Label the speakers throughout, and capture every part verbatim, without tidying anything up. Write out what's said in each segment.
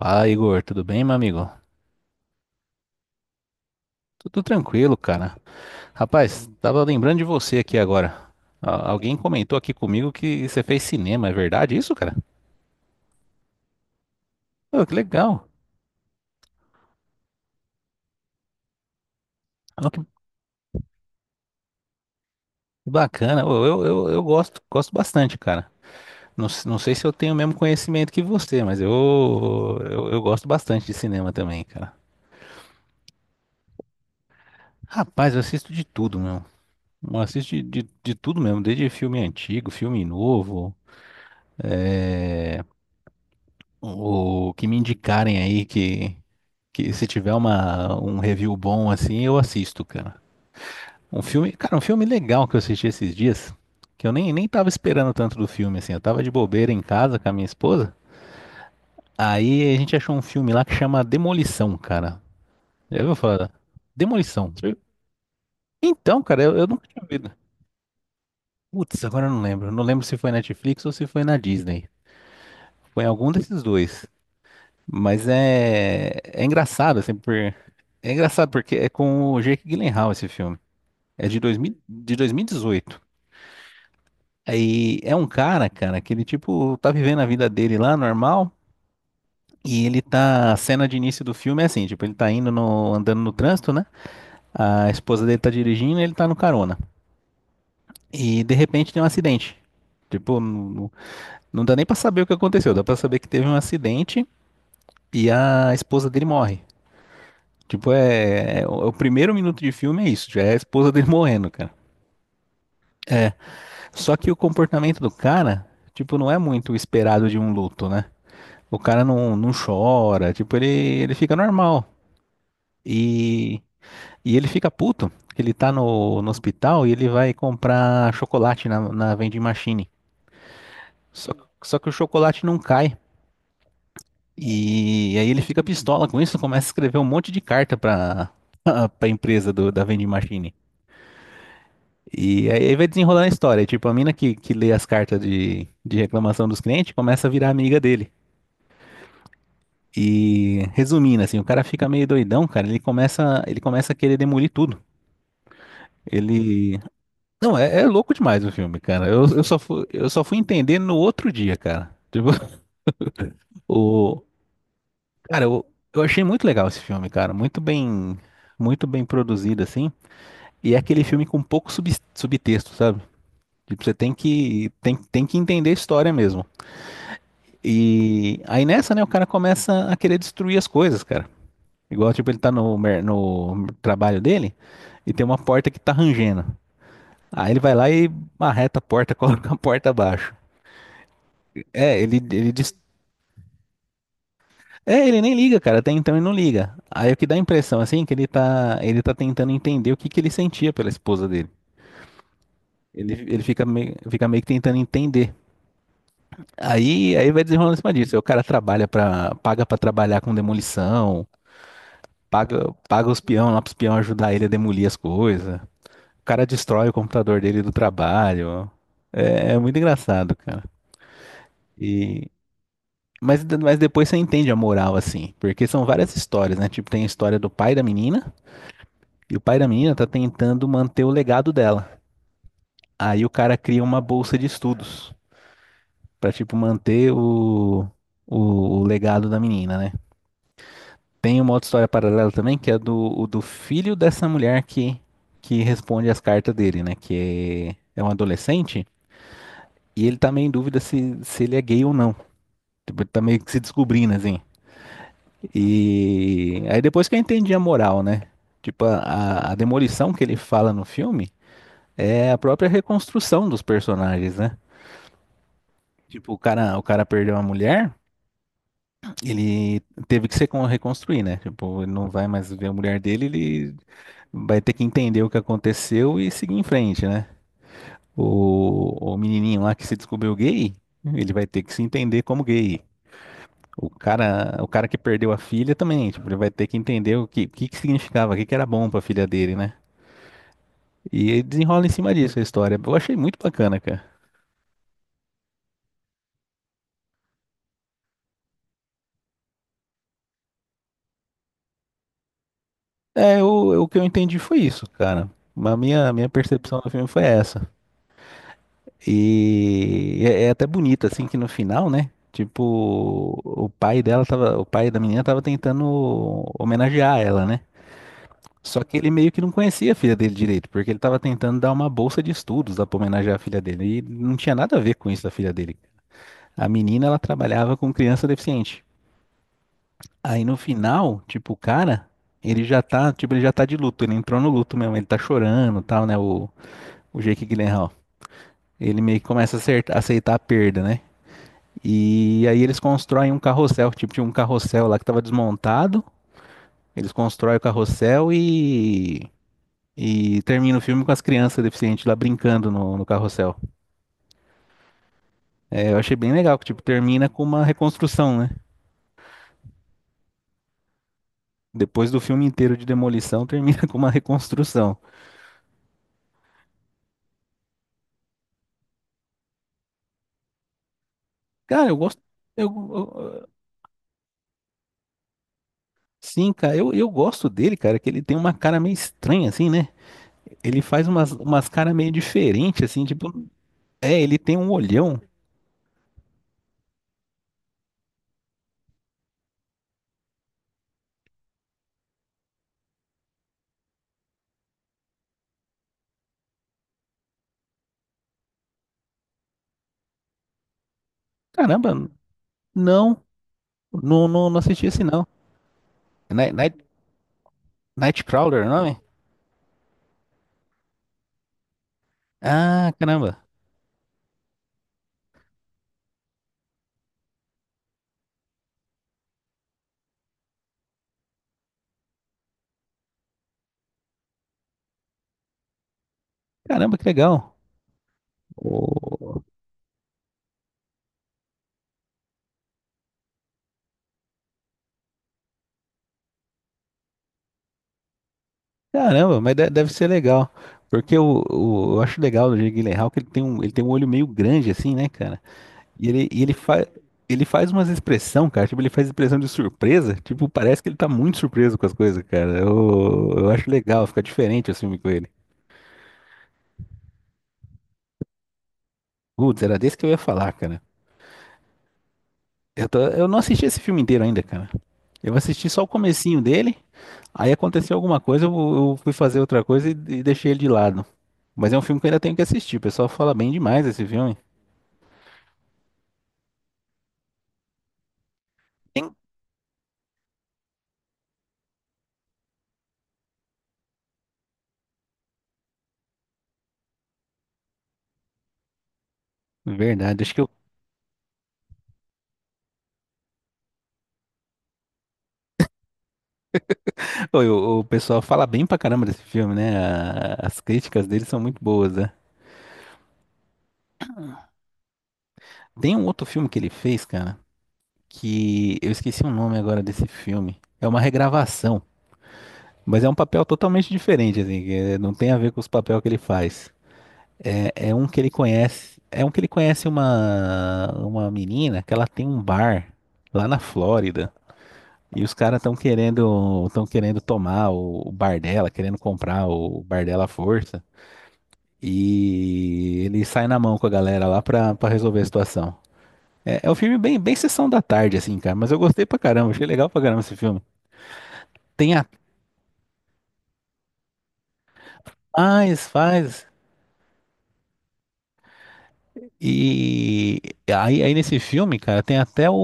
Speaker 1: Fala, Igor, tudo bem, meu amigo? Tudo tranquilo, cara. Rapaz, tava lembrando de você aqui agora. Ah, Alguém comentou aqui comigo que você fez cinema, é verdade isso, cara? Ô, que legal. Ó, que bacana. Ô, eu, eu, eu gosto, gosto bastante, cara. Não, s- não sei se eu tenho o mesmo conhecimento que você, mas eu, eu, eu gosto bastante de cinema também, cara. Rapaz, eu assisto de tudo, meu. Eu assisto de, de, de tudo mesmo, desde filme antigo, filme novo. O que me indicarem aí que, que se tiver uma, um review bom assim, eu assisto, cara. Um filme, cara, um filme legal que eu assisti esses dias, que eu nem, nem tava esperando tanto do filme, assim. Eu tava de bobeira em casa com a minha esposa. Aí a gente achou um filme lá que chama Demolição, cara. Já ouviu falar? Demolição. Sim. Então, cara, eu, eu nunca tinha ouvido. Putz, agora eu não lembro. Não lembro se foi Netflix ou se foi na Disney. Foi em algum desses dois. Mas é, é engraçado, assim, por... é engraçado porque é com o Jake Gyllenhaal esse filme. É de, dois mil de dois mil e dezoito. Aí é um cara, cara, que ele, tipo, tá vivendo a vida dele lá, normal, e ele tá, a cena de início do filme é assim, tipo, ele tá indo no, andando no trânsito, né? A esposa dele tá dirigindo, e ele tá no carona. E, de repente, tem um acidente. Tipo, não, não não dá nem pra saber o que aconteceu, dá pra saber que teve um acidente e a esposa dele morre. Tipo, é, é- O é o primeiro minuto de filme é isso, já é a esposa dele morrendo, cara. Só que o comportamento do cara, tipo, não é muito o esperado de um luto, né? O cara não, não chora, tipo, ele, ele fica normal. E, e ele fica puto. Que Ele tá no, no hospital e ele vai comprar chocolate na, na vending machine. Só, só que o chocolate não cai. E aí ele fica pistola com isso, começa a escrever um monte de carta pra, pra empresa do, da vending machine. E aí aí vai desenrolando a história. Tipo, a mina que, que lê as cartas de, de reclamação dos clientes começa a virar amiga dele. E resumindo, assim, o cara fica meio doidão, cara. Ele começa, ele começa a querer demolir tudo. Ele. Não, é, é louco demais o filme, cara. Eu, eu só fui, eu só fui entender no outro dia, cara. Tipo, o. Cara, eu, eu achei muito legal esse filme, cara. Muito bem. Muito bem produzido, assim. E é aquele filme com pouco sub, subtexto, sabe? Tipo, você tem que, tem, tem que entender a história mesmo. E aí nessa, né, o cara começa a querer destruir as coisas, cara. Igual, tipo, ele tá no, mer- no trabalho dele e tem uma porta que tá rangendo. Aí ele vai lá e marreta a porta, coloca a porta abaixo. É, ele, ele diz... É, ele nem liga, cara, até então ele não liga. Aí o que dá a impressão, assim, é que ele tá, ele tá tentando entender o que que ele sentia pela esposa dele. Ele, ele fica meio, fica meio que tentando entender. Aí, aí vai desenrolando em cima disso. Aí o cara trabalha para, paga pra trabalhar com demolição. Paga, paga os peão lá pros peão ajudar ele a demolir as coisas. O cara destrói o computador dele do trabalho. É, é muito engraçado, cara. E, mas, de- mas depois você entende a moral, assim. Porque são várias histórias, né? Tipo, tem a história do pai da menina. E o pai da menina tá tentando manter o legado dela. Aí o cara cria uma bolsa de estudos. Pra, tipo, manter o, o, o legado da menina, né? Tem uma outra história paralela também, que é do, o do filho dessa mulher que, que responde as cartas dele, né? Que é, é um adolescente, e ele tá meio em dúvida se, se ele é gay ou não. Tipo, ele tá meio que se descobrindo, assim. E aí depois que eu entendi a moral, né? Tipo, a, a a demolição que ele fala no filme é a própria reconstrução dos personagens, né? Tipo, o cara, o cara perdeu a mulher. Ele teve que se con- reconstruir, né? Tipo, ele não vai mais ver a mulher dele, ele vai ter que entender o que aconteceu e seguir em frente, né? O, o menininho lá que se descobriu gay, ele vai ter que se entender como gay. O cara, o cara que perdeu a filha também, tipo, ele vai ter que entender o que, o que, que significava, o que, que era bom pra filha dele, né? E ele desenrola em cima disso a história. Eu achei muito bacana, cara. É, o, o que eu entendi foi isso, cara. A minha, minha percepção do filme foi essa. E é, é até bonito, assim, que no final, né? Tipo, o pai dela tava, o pai da menina tava tentando homenagear ela, né? Só que ele meio que não conhecia a filha dele direito, porque ele tava tentando dar uma bolsa de estudos lá pra homenagear a filha dele. E não tinha nada a ver com isso da filha dele. A menina, ela trabalhava com criança deficiente. Aí no final, tipo, o cara, ele já tá, tipo, ele já tá de luto, ele entrou no luto mesmo, ele tá chorando, e tal, né? O, o Jake Gyllenhaal. Ele meio que começa a acertar- aceitar a perda, né? E aí eles constroem um carrossel, tipo, tinha um carrossel lá que tava desmontado. Eles constroem o carrossel e. E termina o filme com as crianças deficientes lá brincando no, no carrossel. É, eu achei bem legal, que tipo, termina com uma reconstrução, né? Depois do filme inteiro de demolição, termina com uma reconstrução. Cara, eu gosto. Eu, eu- sim, cara, eu, eu gosto dele, cara, que ele tem uma cara meio estranha, assim, né? Ele faz umas, umas caras meio diferentes, assim, tipo. É, ele tem um olhão. Caramba, não, não, não, não assisti esse não. Night, Night, Nightcrawler, o nome? Ah, caramba. Caramba, que legal. Ô, Caramba, mas de- deve ser legal. Porque o, o- eu acho legal do Jake Gyllenhaal que ele tem um, ele tem um olho meio grande assim, né, cara? E ele, e ele faz ele faz umas expressão, cara, tipo, ele faz expressão de surpresa, tipo, parece que ele tá muito surpreso com as coisas, cara. Eu, eu acho legal, fica diferente o filme com ele. Putz, era desse que eu ia falar, cara. Eu tô- eu não assisti esse filme inteiro ainda, cara. Eu assisti só o comecinho dele, aí aconteceu alguma coisa, eu, eu fui fazer outra coisa e, e deixei ele de lado. Mas é um filme que eu ainda tenho que assistir. O pessoal fala bem demais desse filme. Sim. Verdade, acho que eu- Pô, eu- o, pessoal fala bem pra caramba desse filme, né? A- as críticas dele são muito boas, né? Tem um outro filme que ele fez, cara, que eu esqueci o nome agora desse filme. É uma regravação, mas é um papel totalmente diferente, assim, que, eh, não tem a ver com os papéis que ele faz. É, é um que ele conhece. É um que ele conhece uma, uma menina que ela tem um bar lá na Flórida. E os caras estão querendo, estão querendo tomar o, o bar dela, querendo comprar o bar dela à força. E ele sai na mão com a galera lá pra, pra resolver a situação. É, é um filme bem, bem sessão da tarde, assim, cara. Mas eu gostei pra caramba, achei legal pra caramba esse filme. Tem a faz, faz. E aí, aí nesse filme, cara, tem até o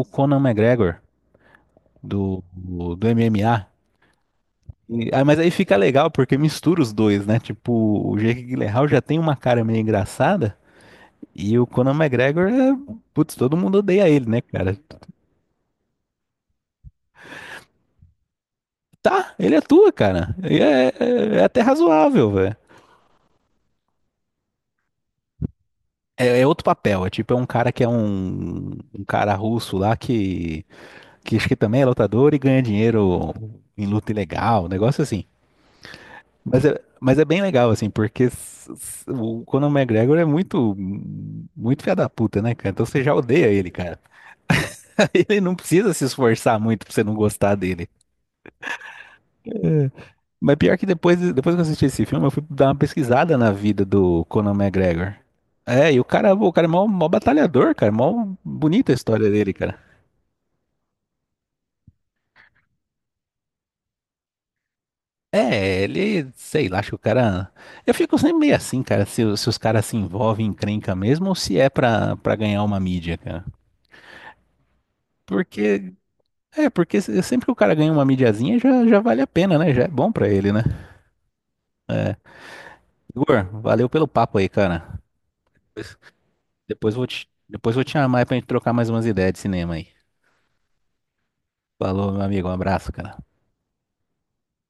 Speaker 1: o Conan McGregor. do, do M M A. E- ah, mas aí fica legal porque mistura os dois, né? Tipo, o Jake Gyllenhaal já tem uma cara meio engraçada e o Conor McGregor é, putz, todo mundo odeia ele, né, cara? Tá, ele atua, cara. E é, é- é até razoável, velho. É, é outro papel, é tipo, é um cara que é um, um cara russo lá que, que acho que também é lutador e ganha dinheiro em luta ilegal, um negócio assim. Mas é, mas é bem legal, assim, porque s- s- o Conor McGregor é muito, muito filha da puta, né, cara? Então você já odeia ele, cara. Ele não precisa se esforçar muito pra você não gostar dele. Mas pior que depois, depois que eu assisti esse filme, eu fui dar uma pesquisada na vida do Conor McGregor. É, e o cara, o cara é mó, mó batalhador, cara. Mó bonita a história dele, cara. É, ele, sei lá, acho que o cara. Eu fico sempre meio assim, cara, se, os- se os caras se envolvem em encrenca mesmo ou se é pra, pra ganhar uma mídia, cara. Porque é, porque se- sempre que o cara ganha uma mídiazinha, já, já vale a pena, né? Já é bom pra ele, né? Igor, valeu pelo papo aí, cara. Depois, depois vou te, depois vou te chamar aí pra gente trocar mais umas ideias de cinema aí. Falou, meu amigo. Um abraço, cara.